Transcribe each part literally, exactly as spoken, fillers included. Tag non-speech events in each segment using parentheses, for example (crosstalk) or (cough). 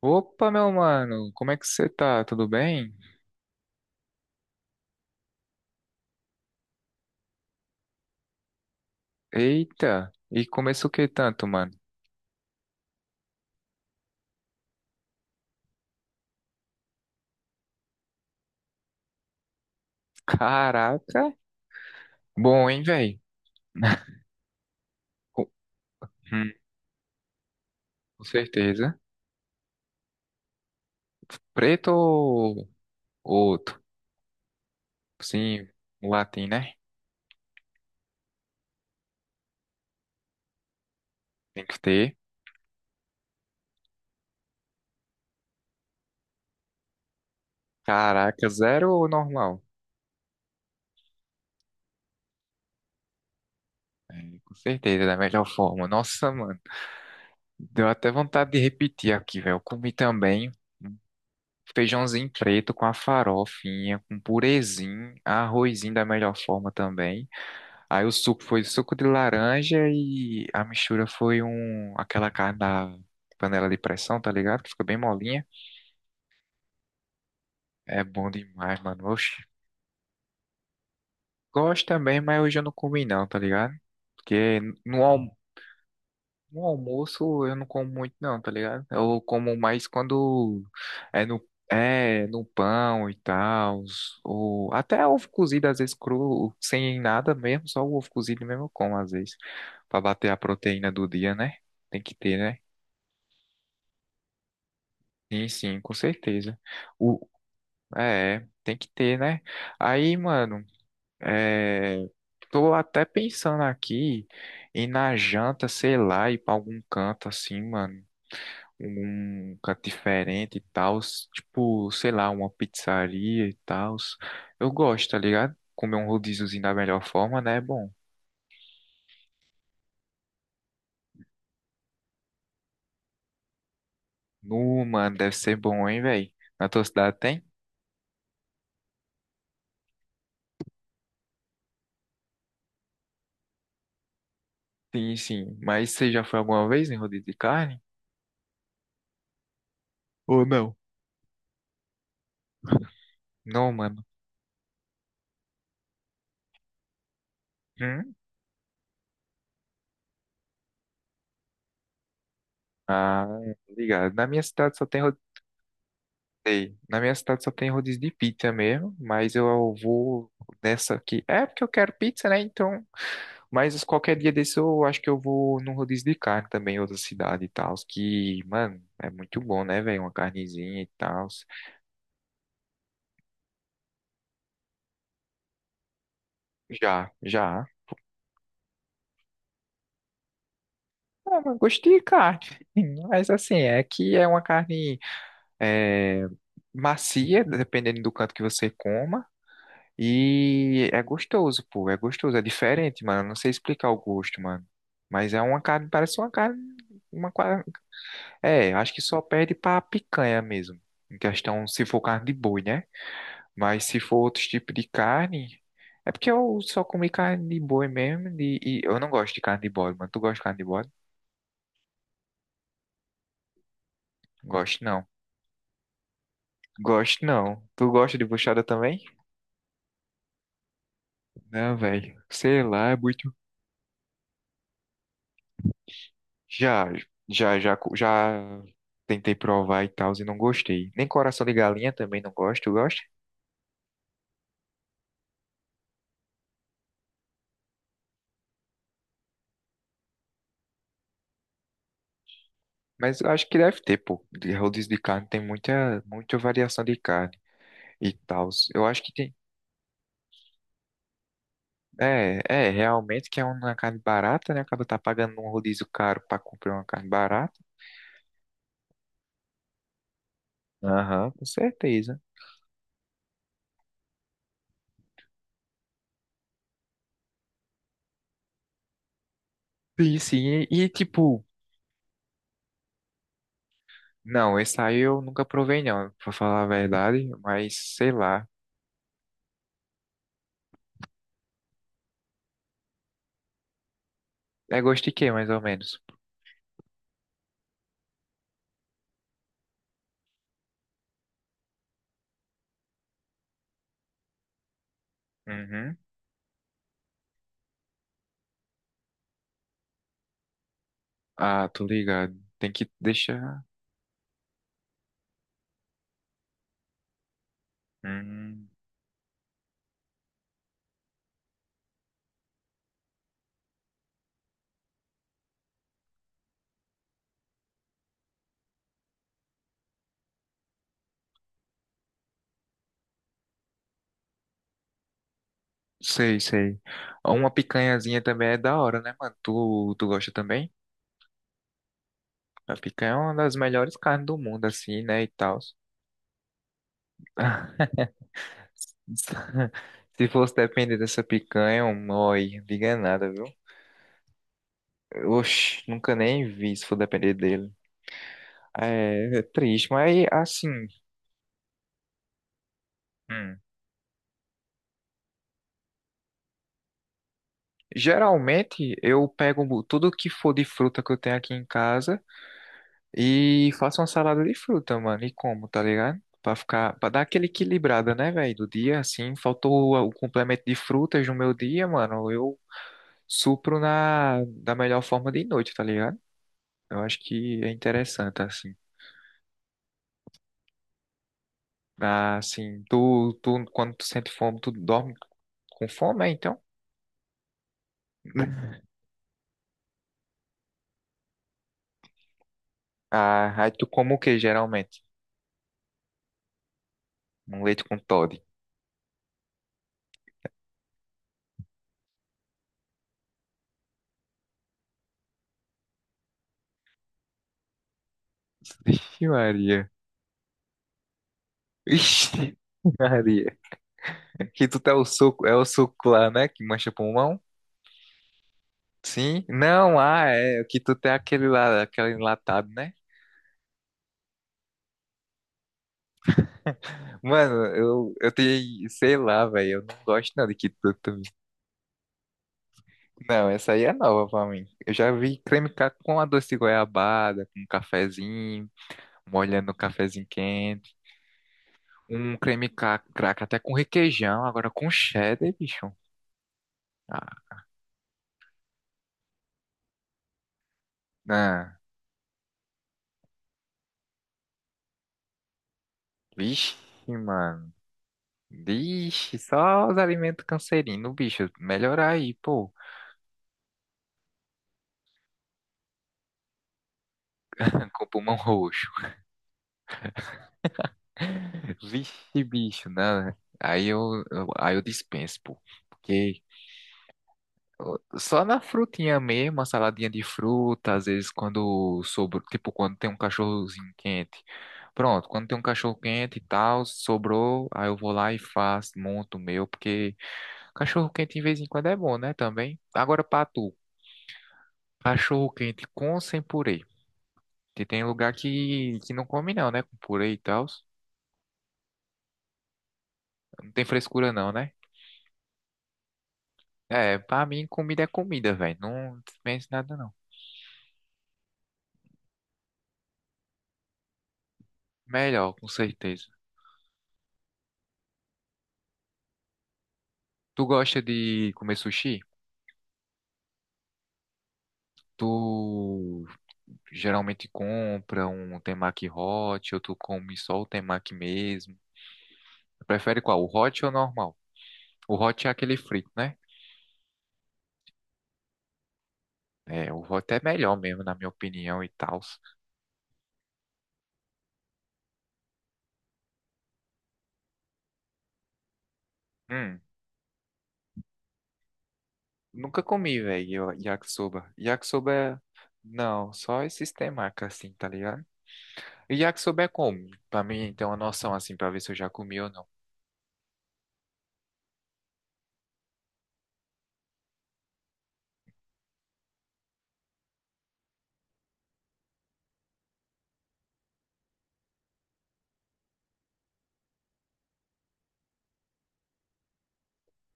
Opa, meu mano, como é que você tá? Tudo bem? Eita, e começou o que tanto, mano? Caraca, bom, hein, velho? (laughs) Com hum, com certeza. Preto ou outro? Sim, um latim, né? Tem que ter. Caraca, zero ou normal? É, com certeza, da melhor forma. Nossa, mano, deu até vontade de repetir aqui, velho. Eu comi também um feijãozinho preto com a farofinha, com purezinho, arrozinho da melhor forma também. Aí o suco foi suco de laranja e a mistura foi um aquela carne da panela de pressão, tá ligado? Que fica bem molinha. É bom demais, mano. Oxi. Gosto também, mas hoje eu não comi não, tá ligado? Porque no, alm- no almoço eu não como muito não, tá ligado? Eu como mais quando é no é no pão e tal, ou até ovo cozido às vezes cru, sem nada mesmo, só o ovo cozido mesmo eu como às vezes, pra bater a proteína do dia, né? Tem que ter, né? Sim, sim, com certeza. O, é, tem que ter, né? Aí, mano, é, tô até pensando aqui em na janta, sei lá, ir pra algum canto assim, mano. Um canto diferente e tal. Tipo, sei lá, uma pizzaria e tal. Eu gosto, tá ligado? Comer um rodíziozinho da melhor forma, né? É bom. Nu, mano, deve ser bom, hein, velho? Na tua cidade tem? Sim, sim. Mas você já foi alguma vez em rodízio de carne? Ou não? Não, mano. Hum? Ah, ligado. Na minha cidade só tem rodeio. Na minha cidade só tem rodízio de pizza mesmo, mas eu vou nessa aqui. É porque eu quero pizza, né? Então, mas qualquer dia desse eu acho que eu vou num rodízio de carne também, em outra cidade e tal, que, mano, é muito bom, né, velho? Uma carnezinha e tal. Já, já. Ah, mas gostei de carne. (laughs) Mas assim, é que é uma carne é, macia, dependendo do canto que você coma. E é gostoso, pô, é gostoso, é diferente, mano. Não sei explicar o gosto, mano. Mas é uma carne, parece uma carne, uma qua- É, acho que só perde pra picanha mesmo. Em questão, se for carne de boi, né? Mas se for outros tipos de carne, é porque eu só comi carne de boi mesmo. de- E eu não gosto de carne de bode, mano. Tu gosta de carne de bode? Gosto não. Gosto não. Tu gosta de buchada também? Não, velho. Sei lá, é muito. Já, já, já, co- Já tentei provar e tal e não gostei. Nem coração de galinha também não gosto, eu gosto. Mas eu acho que deve ter, pô. De rodízio de carne tem muita, muita variação de carne e tal. Eu acho que tem. É, é, realmente que é uma carne barata, né? Acaba tá pagando um rodízio caro pra comprar uma carne barata. Aham, com certeza. E sim, e, e, tipo, não, esse aí eu nunca provei, não, pra falar a verdade, mas sei lá. É gosto de quê, mais ou menos? Uhum. Ah, tô ligado. Tem que deixar. Hum, sei, sei. Uma picanhazinha também é da hora, né, mano? Tu, tu gosta também? A picanha é uma das melhores carnes do mundo, assim, né, e tal. (laughs) Se fosse depender dessa picanha, é um oi, diga nada, viu? Oxi, nunca nem vi se for depender dele. É, é triste, mas assim, hum, geralmente eu pego tudo que for de fruta que eu tenho aqui em casa. E faço uma salada de fruta, mano. E como, tá ligado? Pra ficar, pra dar aquele equilibrada, né, velho? Do dia, assim, faltou o o complemento de frutas no meu dia, mano. Eu supro na, da melhor forma de noite, tá ligado? Eu acho que é interessante, assim. Ah, assim, tu, tu, quando tu sente fome, tu dorme com fome, é, então? (laughs) Ah, aí tu como o que, geralmente? Um leite com Toddy. Ixi, Maria. Ixi, (laughs) Maria. Que tu tá o suco, é o suco lá, né? Que mancha pulmão. Sim? Não, ah, é. O que tu tem aquele lá, aquele enlatado, né? (laughs) Mano, eu, eu tenho, sei lá, velho, eu não gosto não de quituto. Não, essa aí é nova pra mim. Eu já vi creme ca- com a doce de goiabada, com um cafezinho, molhando o cafezinho quente. Um creme ca- crack até com requeijão, agora com cheddar, bicho. Ah, não. Vixe, mano. Vixe, só os alimentos cancerinos, bicho. Melhorar aí, pô. (laughs) Com pulmão roxo. Vixe, bicho, né? Aí eu, eu- aí eu dispenso, pô. Porque só na frutinha mesmo, uma saladinha de fruta, às vezes quando sobrou, tipo quando tem um cachorrozinho quente. Pronto, quando tem um cachorro quente e tal, sobrou, aí eu vou lá e faço, monto o meu, porque cachorro quente de vez em quando é bom, né, também. Agora pra tu, cachorro quente com ou sem purê? Porque tem lugar que, que não come não, né, com purê e tal. Não tem frescura não, né? É, pra mim comida é comida, velho. Não penso nada não. Melhor, com certeza. Tu gosta de comer sushi? Tu geralmente compra um temaki hot ou tu come só o temaki mesmo? Prefere qual? O hot ou o normal? O hot é aquele frito, né? É, o hot é melhor mesmo, na minha opinião e tal. Hum, nunca comi, velho, yakisoba. Yakisoba é... Não, só esses temaki assim, tá ligado? E já que souber como, pra mim ter uma noção assim, pra ver se eu já comi ou não.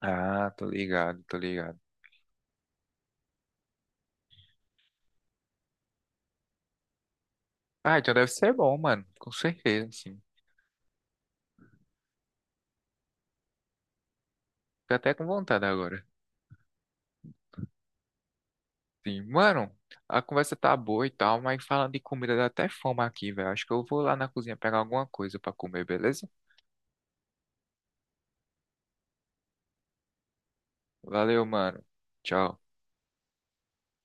Ah, tô ligado, tô ligado. Ah, então deve ser bom, mano, com certeza, sim. Tô até com vontade agora. Sim, mano, a conversa tá boa e tal, mas falando de comida dá até fome aqui, velho. Acho que eu vou lá na cozinha pegar alguma coisa pra comer, beleza? Valeu, mano. Tchau.